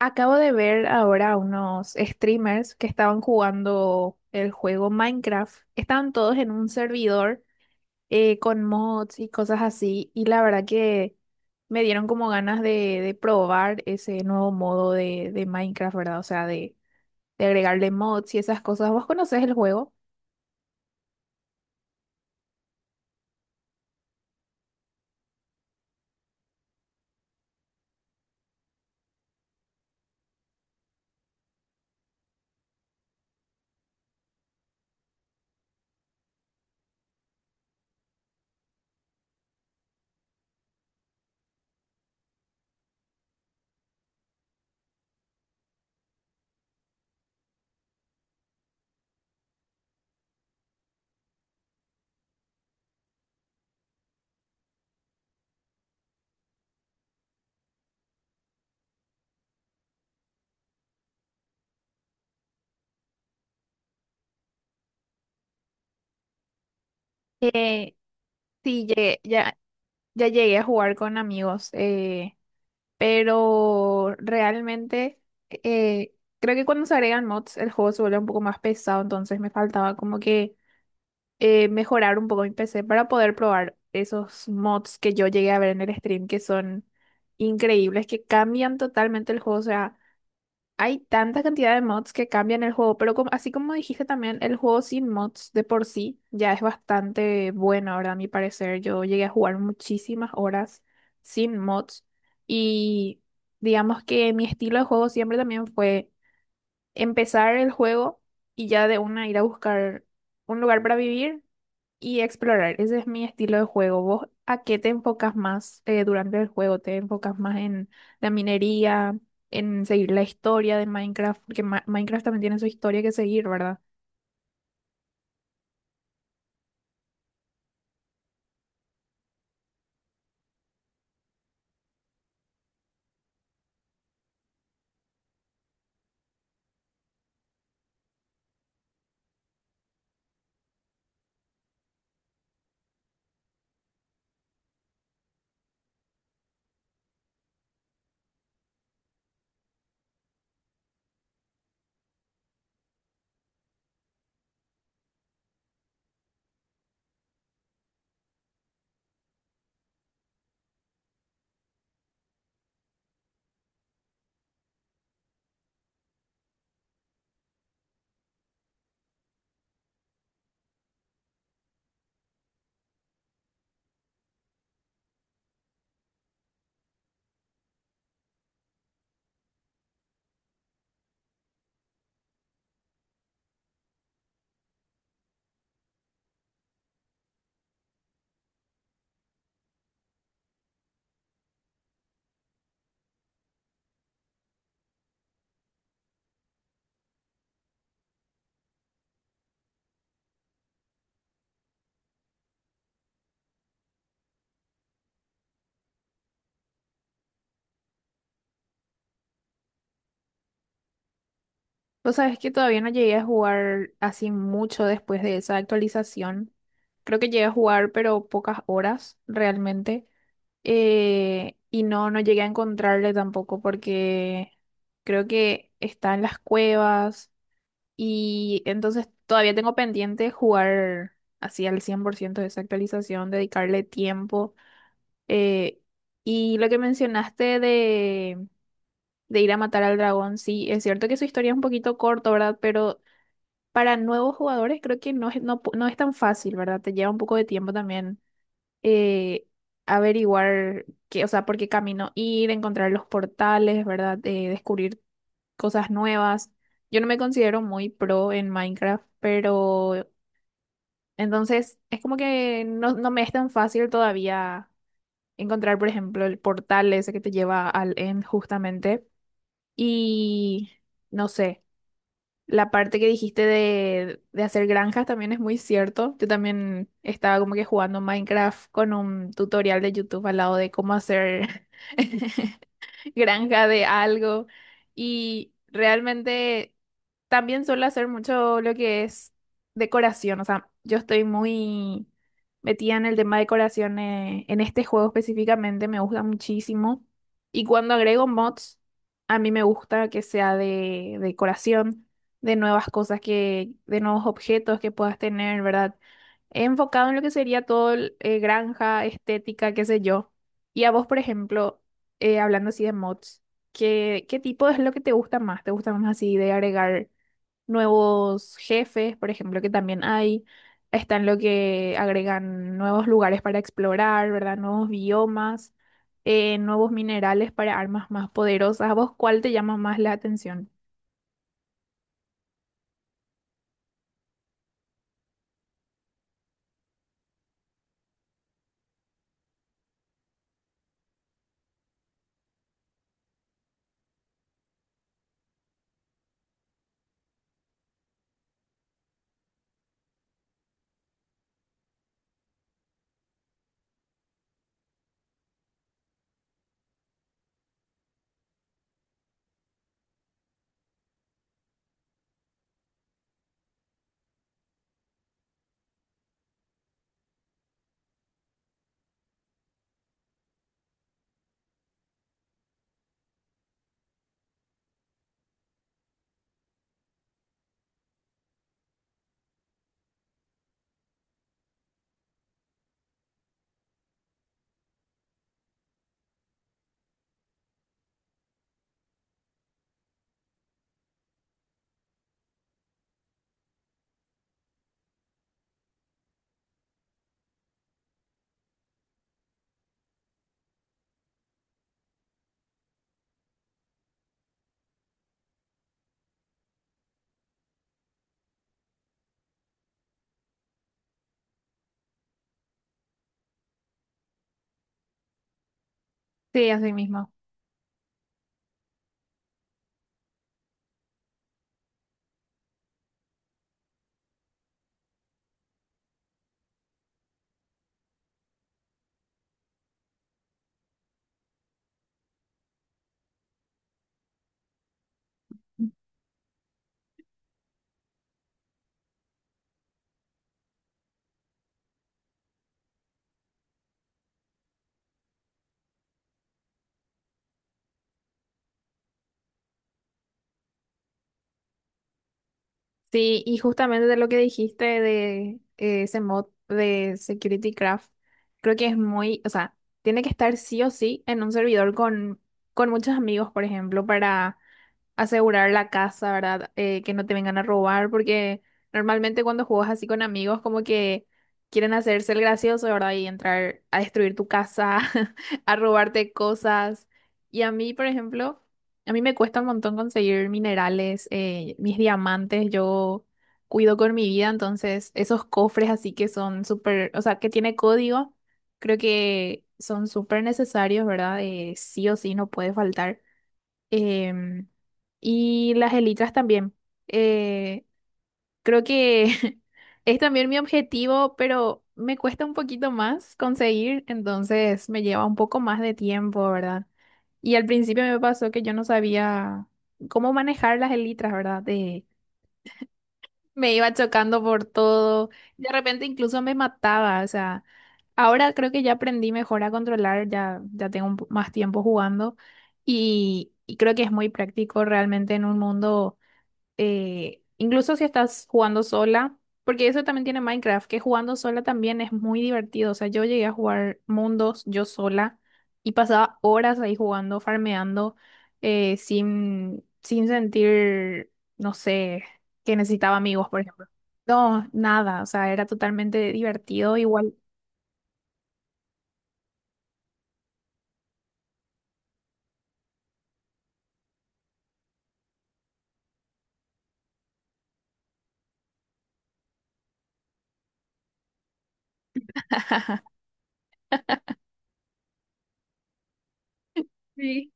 Acabo de ver ahora unos streamers que estaban jugando el juego Minecraft. Estaban todos en un servidor con mods y cosas así. Y la verdad que me dieron como ganas de probar ese nuevo modo de Minecraft, ¿verdad? O sea, de agregarle mods y esas cosas. ¿Vos conocés el juego? Eh, sí, ya llegué a jugar con amigos. Pero realmente eh, creo que cuando se agregan mods el juego se vuelve un poco más pesado, entonces me faltaba como que mejorar un poco mi PC para poder probar esos mods que yo llegué a ver en el stream que son increíbles, que cambian totalmente el juego. O sea, hay tanta cantidad de mods que cambian el juego, pero así como dijiste también, el juego sin mods de por sí ya es bastante bueno, ahora, a mi parecer, yo llegué a jugar muchísimas horas sin mods, y digamos que mi estilo de juego siempre también fue empezar el juego y ya de una ir a buscar un lugar para vivir y explorar. Ese es mi estilo de juego. ¿Vos a qué te enfocas más durante el juego? ¿Te enfocas más en la minería, en seguir la historia de Minecraft? Porque Minecraft también tiene su historia que seguir, ¿verdad? Vos sabés que todavía no llegué a jugar así mucho después de esa actualización. Creo que llegué a jugar, pero pocas horas realmente. Y no, no llegué a encontrarle tampoco porque creo que está en las cuevas. Y entonces todavía tengo pendiente jugar así al 100% de esa actualización, dedicarle tiempo. Eh, y lo que mencionaste de ir a matar al dragón, sí, es cierto que su historia es un poquito corta, ¿verdad? Pero para nuevos jugadores creo que no es tan fácil, ¿verdad? Te lleva un poco de tiempo también, eh, averiguar qué, o sea, por qué camino ir, encontrar los portales, ¿verdad? Descubrir cosas nuevas. Yo no me considero muy pro en Minecraft, pero entonces es como que no me es tan fácil todavía encontrar, por ejemplo, el portal ese que te lleva al end justamente. Y no sé, la parte que dijiste de hacer granjas también es muy cierto. Yo también estaba como que jugando Minecraft con un tutorial de YouTube al lado de cómo hacer granja de algo, y realmente también suelo hacer mucho lo que es decoración, o sea, yo estoy muy metida en el tema de decoración en este juego específicamente, me gusta muchísimo. Y cuando agrego mods, a mí me gusta que sea de decoración, de nuevas de nuevos objetos que puedas tener, ¿verdad? Enfocado en lo que sería todo el, granja, estética, qué sé yo. Y a vos, por ejemplo, hablando así de mods, ¿ qué tipo es lo que te gusta más? ¿Te gusta más así de agregar nuevos jefes, por ejemplo, que también hay? Están lo que agregan nuevos lugares para explorar, ¿verdad? Nuevos biomas, nuevos minerales para armas más poderosas. ¿A vos cuál te llama más la atención? Sí, así mismo. Sí, y justamente de lo que dijiste de ese mod de Security Craft, creo que es muy, o sea, tiene que estar sí o sí en un servidor con muchos amigos, por ejemplo, para asegurar la casa, ¿verdad? Que no te vengan a robar, porque normalmente cuando juegas así con amigos, como que quieren hacerse el gracioso, ¿verdad? Y entrar a destruir tu casa, a robarte cosas. Y a mí, por ejemplo, a mí me cuesta un montón conseguir minerales, mis diamantes, yo cuido con mi vida, entonces esos cofres así que son súper, o sea, que tiene código, creo que son súper necesarios, ¿verdad? Sí o sí, no puede faltar. Em, y las elitras también. Eh, Creo que es también mi objetivo, pero me cuesta un poquito más conseguir, entonces me lleva un poco más de tiempo, ¿verdad? Y al principio me pasó que yo no sabía cómo manejar las elitras, ¿verdad? De Me iba chocando por todo. De repente incluso me mataba. O sea, ahora creo que ya aprendí mejor a controlar, ya, ya tengo un más tiempo jugando, y creo que es muy práctico realmente en un mundo, incluso si estás jugando sola, porque eso también tiene Minecraft, que jugando sola también es muy divertido. O sea, yo llegué a jugar mundos yo sola y pasaba horas ahí jugando, farmeando, sin sentir, no sé, que necesitaba amigos, por ejemplo. No, nada, o sea, era totalmente divertido igual. Sí.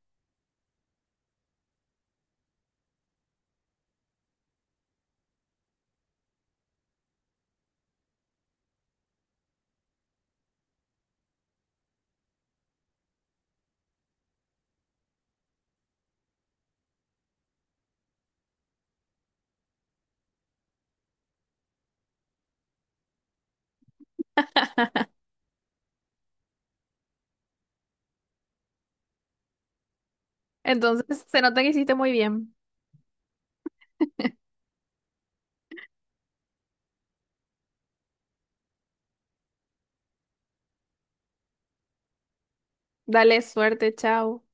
Entonces, se nota que hiciste muy bien. Dale, suerte, chao.